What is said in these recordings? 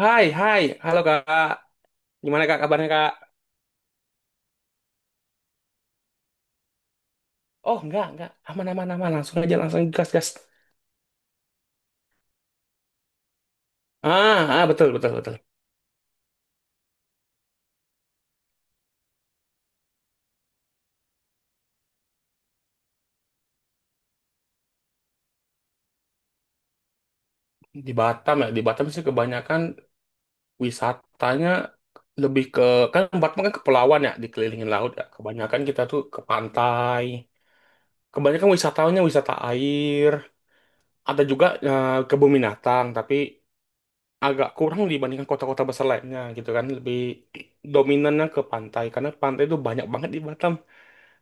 Hai, hai, halo Kak. Gimana Kak kabarnya Kak? Oh enggak, aman aman aman, langsung aja langsung gas gas. Ah, ah betul betul betul. Di Batam ya, di Batam sih kebanyakan wisatanya lebih ke kan Batam kan kepulauan ya, dikelilingin laut ya. Kebanyakan kita tuh ke pantai. Kebanyakan wisatawannya wisata air. Ada juga kebun binatang, tapi agak kurang dibandingkan kota-kota besar lainnya gitu kan. Lebih dominannya ke pantai karena pantai itu banyak banget di Batam.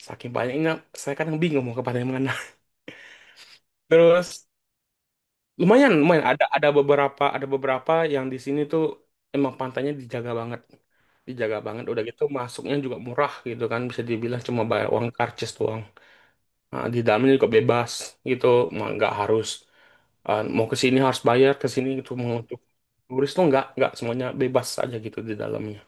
Saking banyaknya, saya kadang bingung mau kepada yang mana. Terus lumayan, lumayan ada beberapa yang di sini tuh emang pantainya dijaga banget, dijaga banget. Udah gitu masuknya juga murah gitu kan, bisa dibilang cuma bayar uang karcis doang. Nah, di dalamnya juga bebas gitu. Mau nggak harus eh, Mau ke sini harus bayar, ke sini itu mau untuk turis tuh nggak semuanya bebas aja gitu di dalamnya.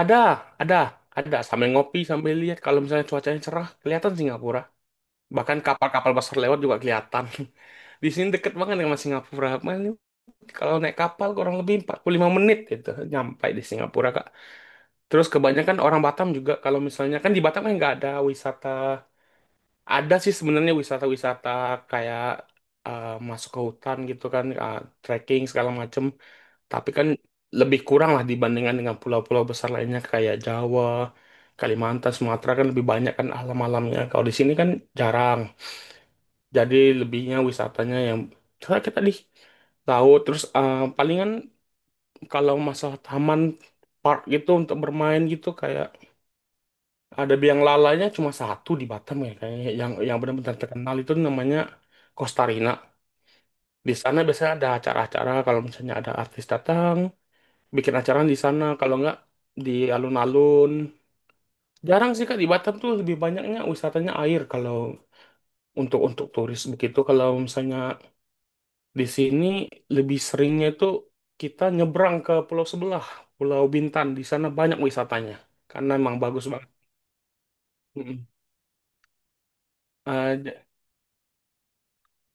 Ada, ada, ada sambil ngopi sambil lihat kalau misalnya cuacanya cerah kelihatan Singapura. Bahkan kapal-kapal besar lewat juga kelihatan. Di sini deket banget sama Singapura. Kalau naik kapal kurang lebih 45 menit gitu nyampe di Singapura, Kak. Terus kebanyakan orang Batam juga kalau misalnya kan di Batam kan nggak ada wisata. Ada sih sebenarnya wisata-wisata kayak masuk ke hutan gitu kan, trekking segala macem. Tapi kan lebih kurang lah dibandingkan dengan pulau-pulau besar lainnya kayak Jawa, Kalimantan, Sumatera kan lebih banyak kan alam-alamnya. Kalau di sini kan jarang. Jadi lebihnya wisatanya yang misalnya kita di laut terus palingan kalau masalah taman park gitu untuk bermain gitu kayak ada biang lalanya cuma satu di Batam ya kayaknya yang benar-benar terkenal itu namanya Kostarina. Di sana biasanya ada acara-acara kalau misalnya ada artis datang bikin acara di sana kalau nggak di alun-alun. Jarang sih Kak di Batam tuh lebih banyaknya wisatanya air kalau untuk turis begitu kalau misalnya di sini lebih seringnya itu kita nyebrang ke pulau sebelah, Pulau Bintan. Di sana banyak wisatanya, karena emang bagus banget. Mm-mm. Eh, j-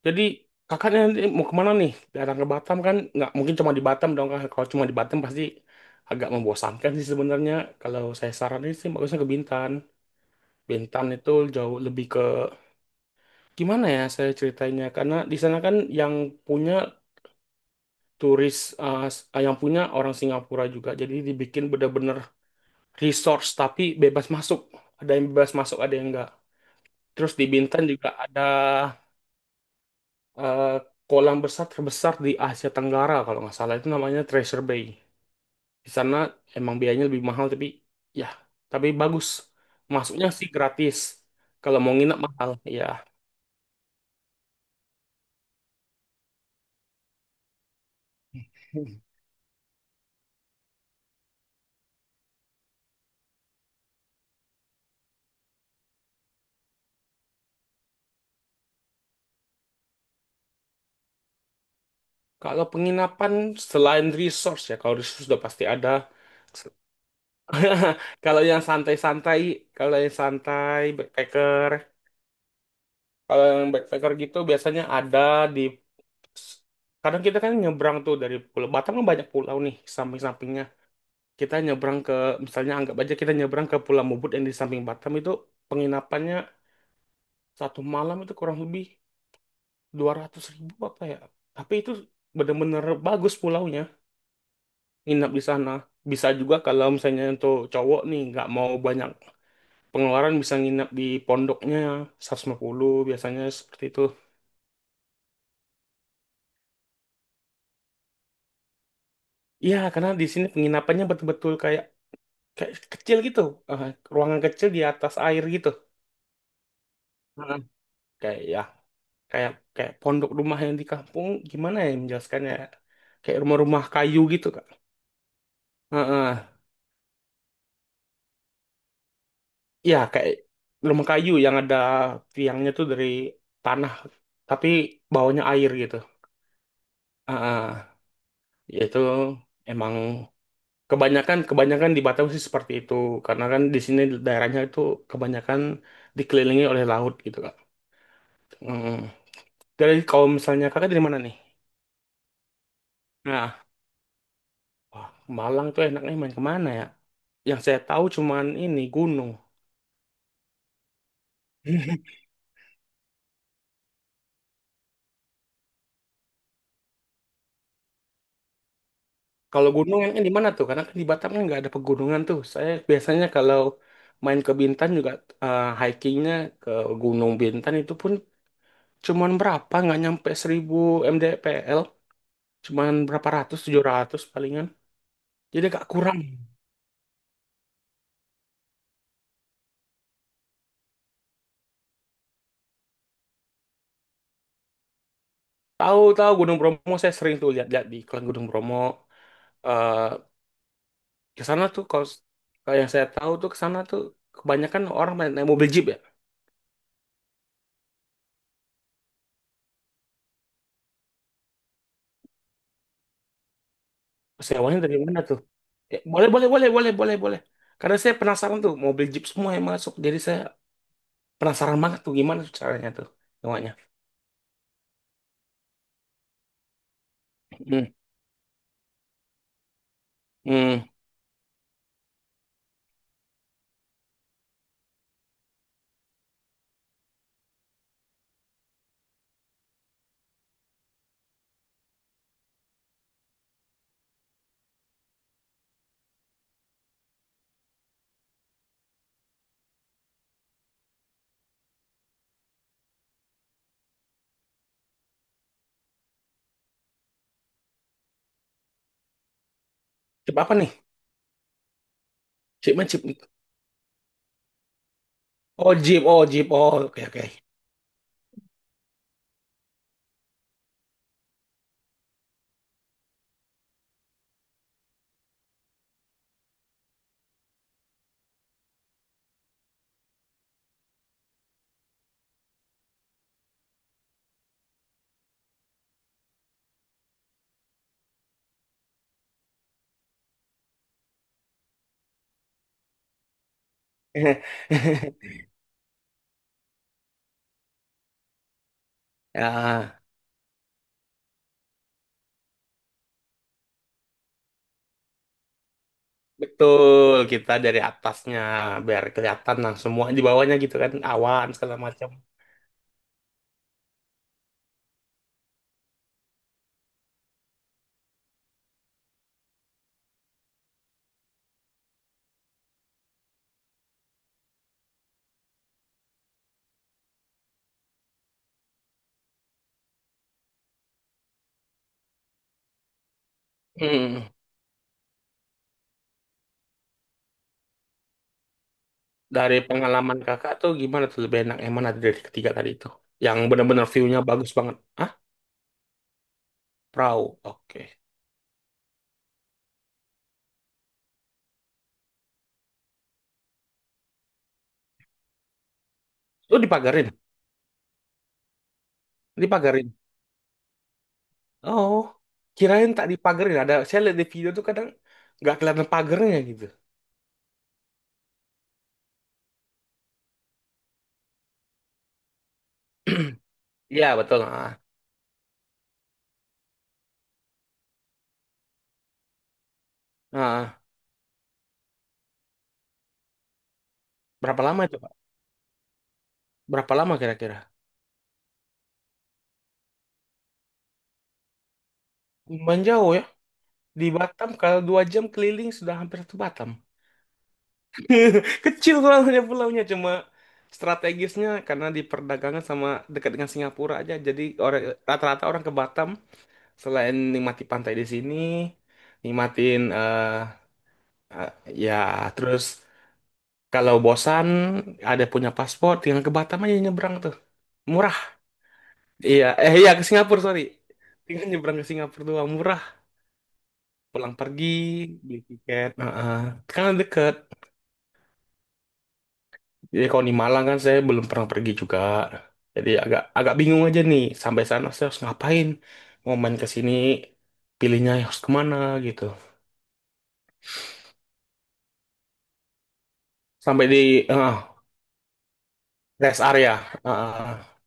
jadi kakaknya nanti mau kemana nih? Datang ke Batam kan nggak mungkin cuma di Batam dong, Kak. Kalau cuma di Batam pasti agak membosankan sih sebenarnya. Kalau saya saranin sih bagusnya ke Bintan. Bintan itu jauh lebih ke gimana ya saya ceritanya karena di sana kan yang punya turis yang punya orang Singapura juga jadi dibikin bener-bener resource tapi bebas masuk. Ada yang bebas masuk, ada yang enggak. Terus di Bintan juga ada eh, kolam besar terbesar di Asia Tenggara kalau nggak salah itu namanya Treasure Bay. Di sana emang biayanya lebih mahal tapi ya tapi bagus. Masuknya sih gratis. Kalau mau nginep mahal, ya. Kalau penginapan selain resource ya, kalau resource sudah pasti ada. Kalau yang santai-santai, kalau yang santai backpacker, kalau yang backpacker gitu biasanya ada di kadang kita kan nyebrang tuh dari Pulau Batam kan banyak pulau nih samping-sampingnya. Kita nyebrang ke misalnya anggap aja kita nyebrang ke Pulau Mubut yang di samping Batam itu penginapannya satu malam itu kurang lebih 200 ribu apa ya. Tapi itu bener-bener bagus pulaunya nginap di sana. Bisa juga kalau misalnya untuk cowok nih nggak mau banyak pengeluaran bisa nginap di pondoknya 150 biasanya seperti itu. Iya karena di sini penginapannya betul-betul kayak kayak kecil gitu, eh, ruangan kecil di atas air gitu. Heeh. Kayak ya, kayak kayak pondok rumah yang di kampung gimana ya menjelaskannya? Kayak rumah-rumah kayu gitu, Kak. Heeh. Ya, kayak rumah kayu yang ada tiangnya tuh dari tanah tapi bawahnya air gitu. Heeh. Yaitu emang kebanyakan kebanyakan di Batam sih seperti itu karena kan di sini daerahnya itu kebanyakan dikelilingi oleh laut gitu, Kak. Heeh. Kalau misalnya Kakak dari mana nih? Nah, wah, Malang tuh enaknya main kemana ya? Yang saya tahu cuman ini gunung. Kalau gunung yang di mana tuh? Karena kan di Batam kan nggak ada pegunungan tuh. Saya biasanya kalau main ke Bintan juga hikingnya ke Gunung Bintan itu pun cuman berapa? Nggak nyampe 1.000 mdpl, cuman berapa ratus, 700 palingan. Jadi agak kurang. Tahu-tahu Gunung Bromo saya sering tuh lihat-lihat di iklan Gunung Bromo. Eh ke sana tuh kalau kalau yang saya tahu tuh ke sana tuh kebanyakan orang main naik mobil jeep ya. Sewanya dari mana tuh? Ya, boleh, boleh, boleh, boleh, boleh, boleh. Karena saya penasaran tuh, mau beli Jeep semua yang masuk. Jadi saya penasaran banget tuh gimana tuh caranya tuh sewanya. Hmm. Hmm. Jeep apa nih? Jeep mana Jeep? Oh, Jeep. Oh, Jeep. Oh, oke, oke. Ya, betul. Kita dari atasnya biar kelihatan nah semua di bawahnya gitu kan awan segala macam. Hmm. Dari pengalaman kakak tuh gimana tuh lebih enak yang mana dari ketiga tadi itu? Yang benar-benar view-nya bagus banget. Ah, perahu. Oke. Oh dipagarin, dipagarin. Oh, kirain tak dipagarin. Ada saya lihat di video tuh kadang nggak kelihatan pagernya gitu. Iya betul. Ah, ah. Berapa lama itu Pak? Berapa lama kira-kira? Lumayan jauh ya. Di Batam kalau 2 jam keliling sudah hampir ke Batam. Kecil soalnya pulaunya cuma strategisnya karena di perdagangan sama dekat dengan Singapura aja. Jadi rata-rata orang ke Batam selain nikmati pantai di sini, nikmatin eh, ya terus kalau bosan, ada punya paspor, tinggal ke Batam aja nyebrang tuh. Murah. Iya, eh iya ke Singapura, sorry. Tinggal nyebrang ke Singapura doang, murah. Pulang pergi, beli tiket. Heeh. Kan deket. Jadi kalau di Malang kan saya belum pernah pergi juga. Jadi agak agak bingung aja nih, sampai sana saya harus ngapain. Mau main ke sini, pilihnya harus kemana gitu. Sampai di eh, rest area. Heeh.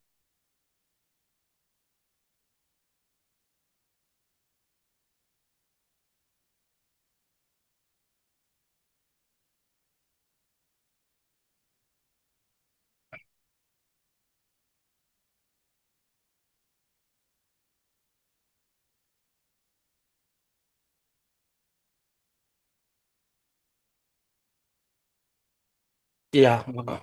Iya. Heeh.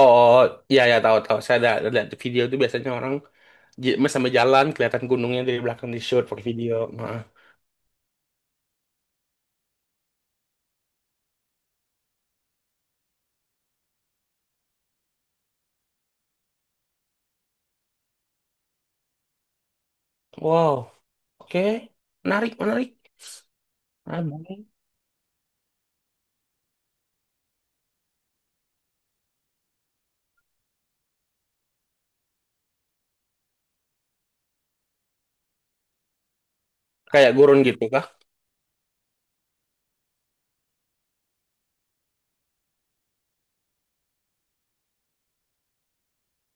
Oh, oh, iya ya tahu tahu. Saya ada lihat video itu biasanya orang sama jalan kelihatan gunungnya dari belakang di shoot pakai video. Nah. Wow. Oke. Menarik, menarik. Ah, baik. Kayak gurun gitu kah?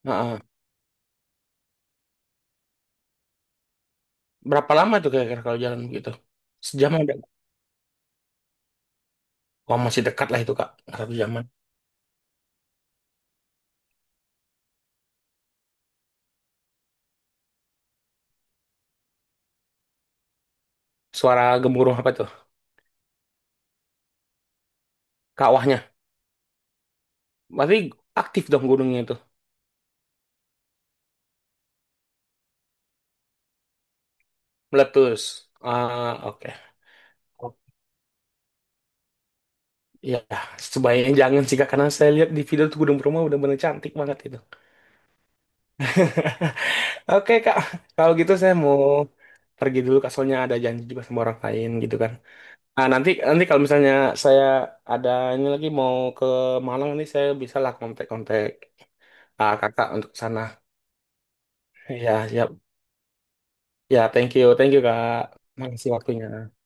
Heeh. Berapa lama tuh kira-kira kalau jalan begitu? Sejam ada. Wah, masih dekat lah itu, Kak. Satu jaman. Suara gemuruh apa tuh? Kawahnya. Berarti aktif dong gunungnya itu. Meletus. Ah, oke. Oh, iya, sebaiknya jangan sih Kak, karena saya lihat di video tuh Gunung Bromo udah bener cantik banget itu. Oke Kak, kalau gitu saya mau pergi dulu Kak, soalnya ada janji juga sama orang lain gitu kan. Nah, nanti nanti kalau misalnya saya ada ini lagi mau ke Malang nih, saya bisa lah kontak-kontak Kakak untuk ke sana. Ya, siap. Ya, thank you. Thank you Kak. Makasih waktunya.